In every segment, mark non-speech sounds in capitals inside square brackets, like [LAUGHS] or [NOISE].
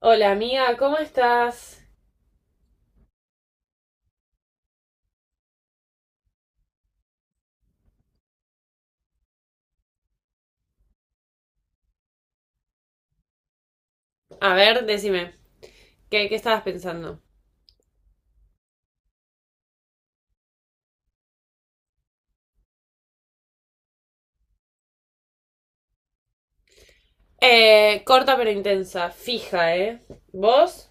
Hola amiga, ¿cómo estás? A ver, decime, ¿qué estabas pensando? Corta pero intensa, fija, ¿eh? ¿Vos?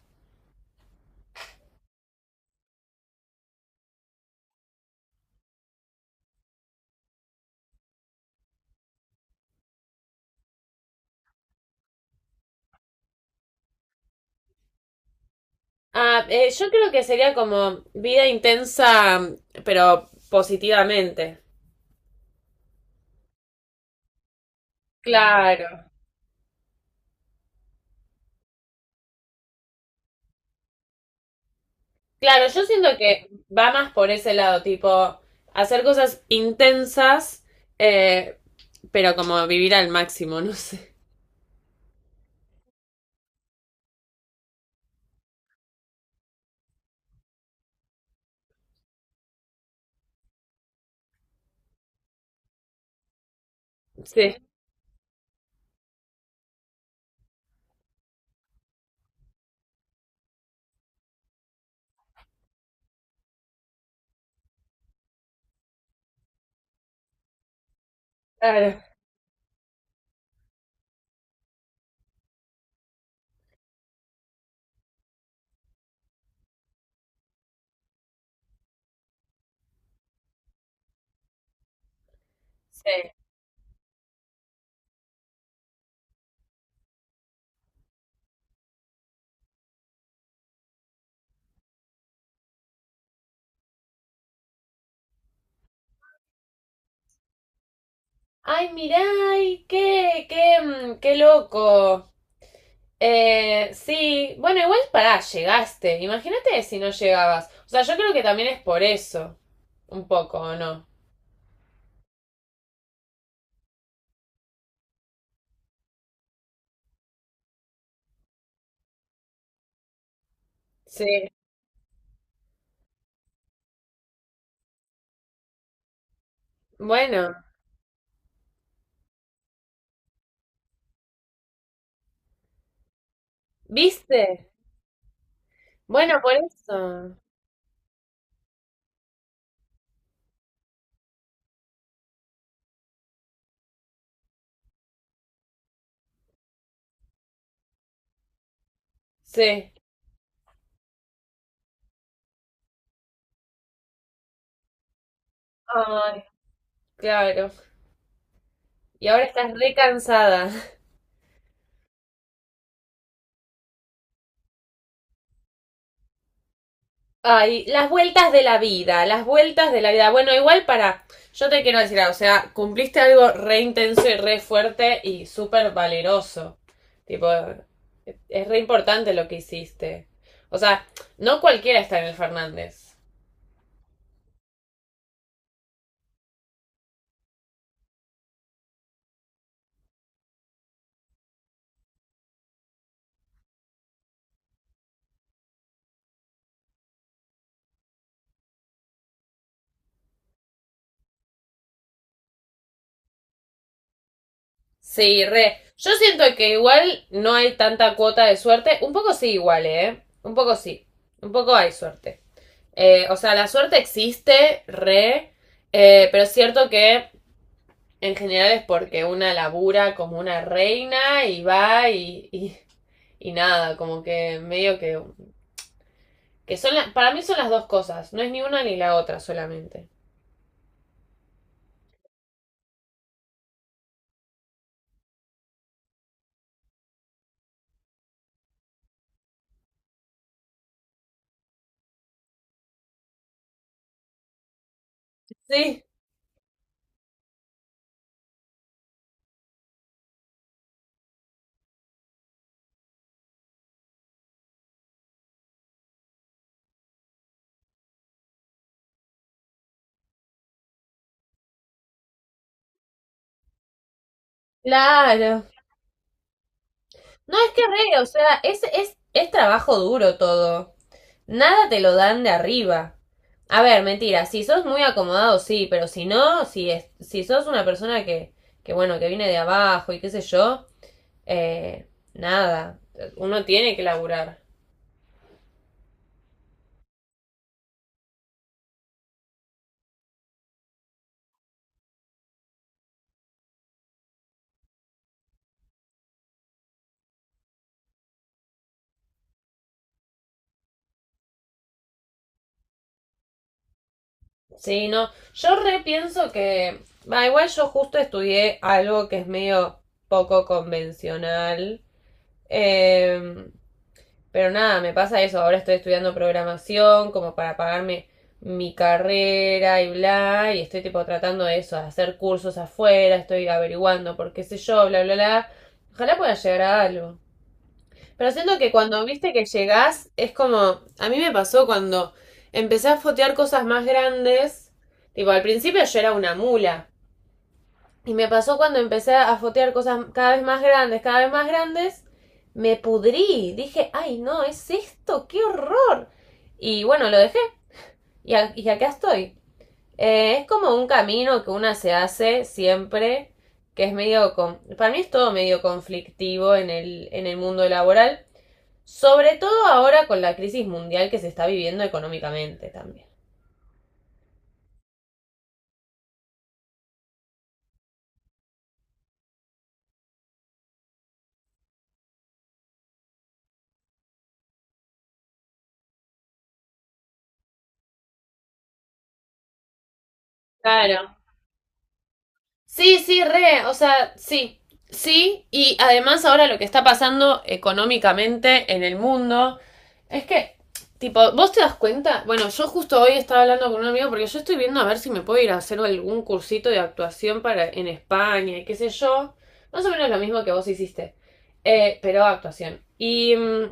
Yo creo que sería como vida intensa, pero positivamente. Claro. Claro, yo siento que va más por ese lado, tipo, hacer cosas intensas, eh, pero como vivir al máximo, [LAUGHS] no sé. Sí, claro. Sí. Ay, mirá, ay, qué loco. Sí, bueno, igual pará, llegaste. Imagínate si no llegabas. O sea, yo creo que también es por eso. Un poco, ¿o no? Sí. Bueno, ¿viste? Bueno, por eso. Sí. Ay, claro. Y ahora estás re cansada. Ay, las vueltas de la vida, las vueltas de la vida. Bueno, igual para. Yo te quiero decir, algo, o sea, cumpliste algo re intenso y re fuerte y súper valeroso. Tipo, es re importante lo que hiciste. O sea, no cualquiera está en el Fernández. Sí, re. Yo siento que igual no hay tanta cuota de suerte. Un poco sí, igual, ¿eh? Un poco sí. Un poco hay suerte. O sea, la suerte existe, re. Pero es cierto que en general es porque una labura como una reina y va y nada, como que medio que son para mí son las dos cosas, no es ni una ni la otra solamente. Sí, claro. No, es que re, o sea, es trabajo duro todo. Nada te lo dan de arriba. A ver, mentira, si sos muy acomodado, sí, pero si no, si sos una persona bueno, que viene de abajo y qué sé yo, eh, nada. Uno tiene que laburar. Sí, no. Yo repienso que. Va, igual yo justo estudié algo que es medio poco convencional. Em, pero nada, me pasa eso. Ahora estoy estudiando programación como para pagarme mi carrera y bla. Y estoy tipo tratando de eso, de hacer cursos afuera. Estoy averiguando por qué sé yo, bla, bla, bla. Ojalá pueda llegar a algo. Pero siento que cuando viste que llegás, es como, a mí me pasó cuando empecé a fotear cosas más grandes, tipo, al principio yo era una mula, y me pasó cuando empecé a fotear cosas cada vez más grandes, cada vez más grandes, me pudrí, dije, ay no, es esto, qué horror. Y bueno, lo dejé, y, y acá estoy. Es como un camino que una se hace siempre, que es medio, para mí es todo medio conflictivo en en el mundo laboral. Sobre todo ahora con la crisis mundial que se está viviendo económicamente también. Claro. Sí, sí, re, o sea, sí. Sí, y además ahora lo que está pasando económicamente en el mundo es que, tipo, vos te das cuenta, bueno, yo justo hoy estaba hablando con un amigo porque yo estoy viendo a ver si me puedo ir a hacer algún cursito de actuación para en España y qué sé yo, más o menos lo mismo que vos hiciste, pero actuación.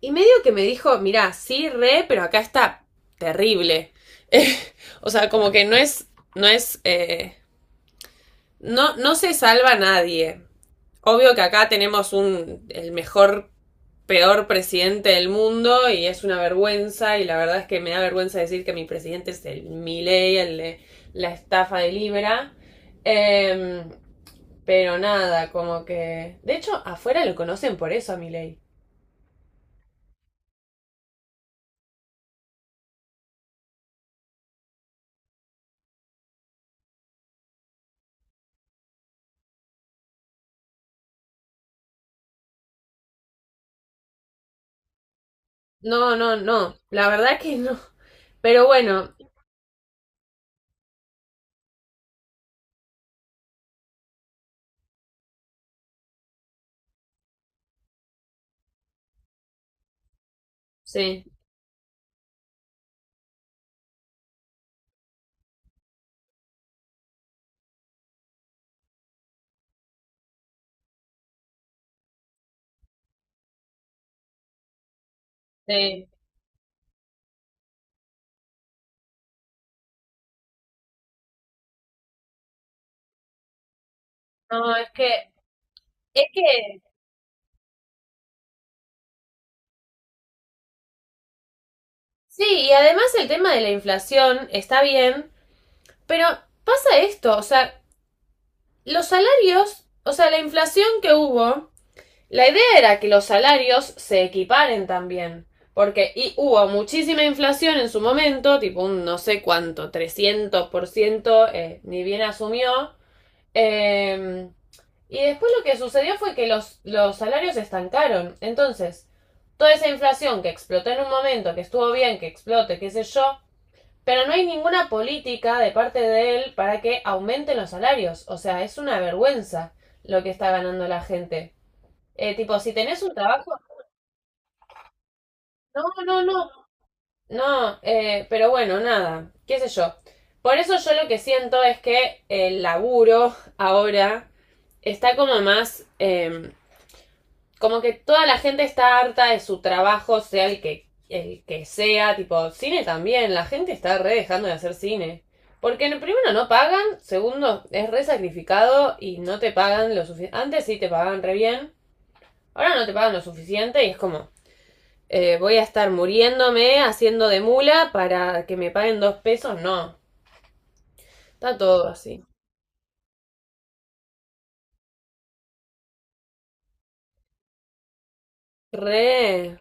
Y medio que me dijo, mirá, sí, re, pero acá está terrible. [LAUGHS] Eh, o sea, como que no es, no, no se salva nadie. Obvio que acá tenemos un, el mejor, peor presidente del mundo y es una vergüenza y la verdad es que me da vergüenza decir que mi presidente es el Milei, el de la estafa de Libra. Eh, pero nada, como que... De hecho, afuera lo conocen por eso a Milei. No, no, no. La verdad que no. Pero bueno, sí, sí. No, es que, sí, y además el tema de la inflación está bien, pero pasa esto, o sea, los salarios, o sea, la inflación que hubo, la idea era que los salarios se equiparen también. Porque y hubo muchísima inflación en su momento, tipo un no sé cuánto, 300%, ni bien asumió. Eh, y después lo que sucedió fue que los salarios estancaron. Entonces, toda esa inflación que explotó en un momento, que estuvo bien, que explote, qué sé yo, pero no hay ninguna política de parte de él para que aumenten los salarios. O sea, es una vergüenza lo que está ganando la gente. Tipo, si tenés un trabajo... No, no, no. No, pero bueno, nada, qué sé yo. Por eso yo lo que siento es que el laburo ahora está como más... como que toda la gente está harta de su trabajo, sea el que sea, tipo, cine también, la gente está re dejando de hacer cine. Porque primero no pagan, segundo es re sacrificado y no te pagan lo suficiente. Antes sí te pagaban re bien, ahora no te pagan lo suficiente y es como, voy a estar muriéndome haciendo de mula para que me paguen dos pesos, no. Está todo así. Re.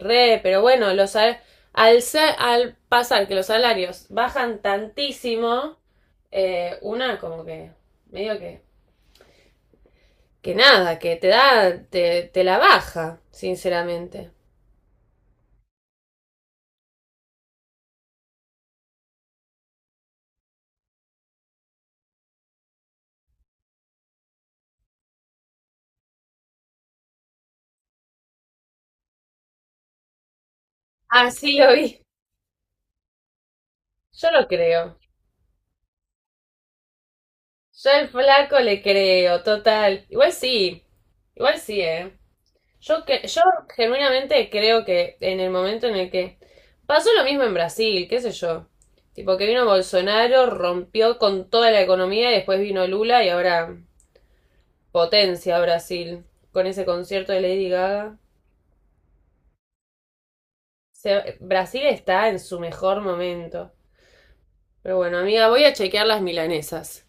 Re, pero bueno, al, al pasar que los salarios bajan tantísimo, una como que, medio que nada, que te da, te la baja, sinceramente. Así lo vi. Yo lo creo. Yo al flaco le creo, total. Igual sí, ¿eh? Yo genuinamente creo que en el momento en el que pasó lo mismo en Brasil, qué sé yo, tipo que vino Bolsonaro, rompió con toda la economía y después vino Lula y ahora potencia Brasil con ese concierto de Lady Gaga. Brasil está en su mejor momento. Pero bueno, amiga, voy a chequear las milanesas.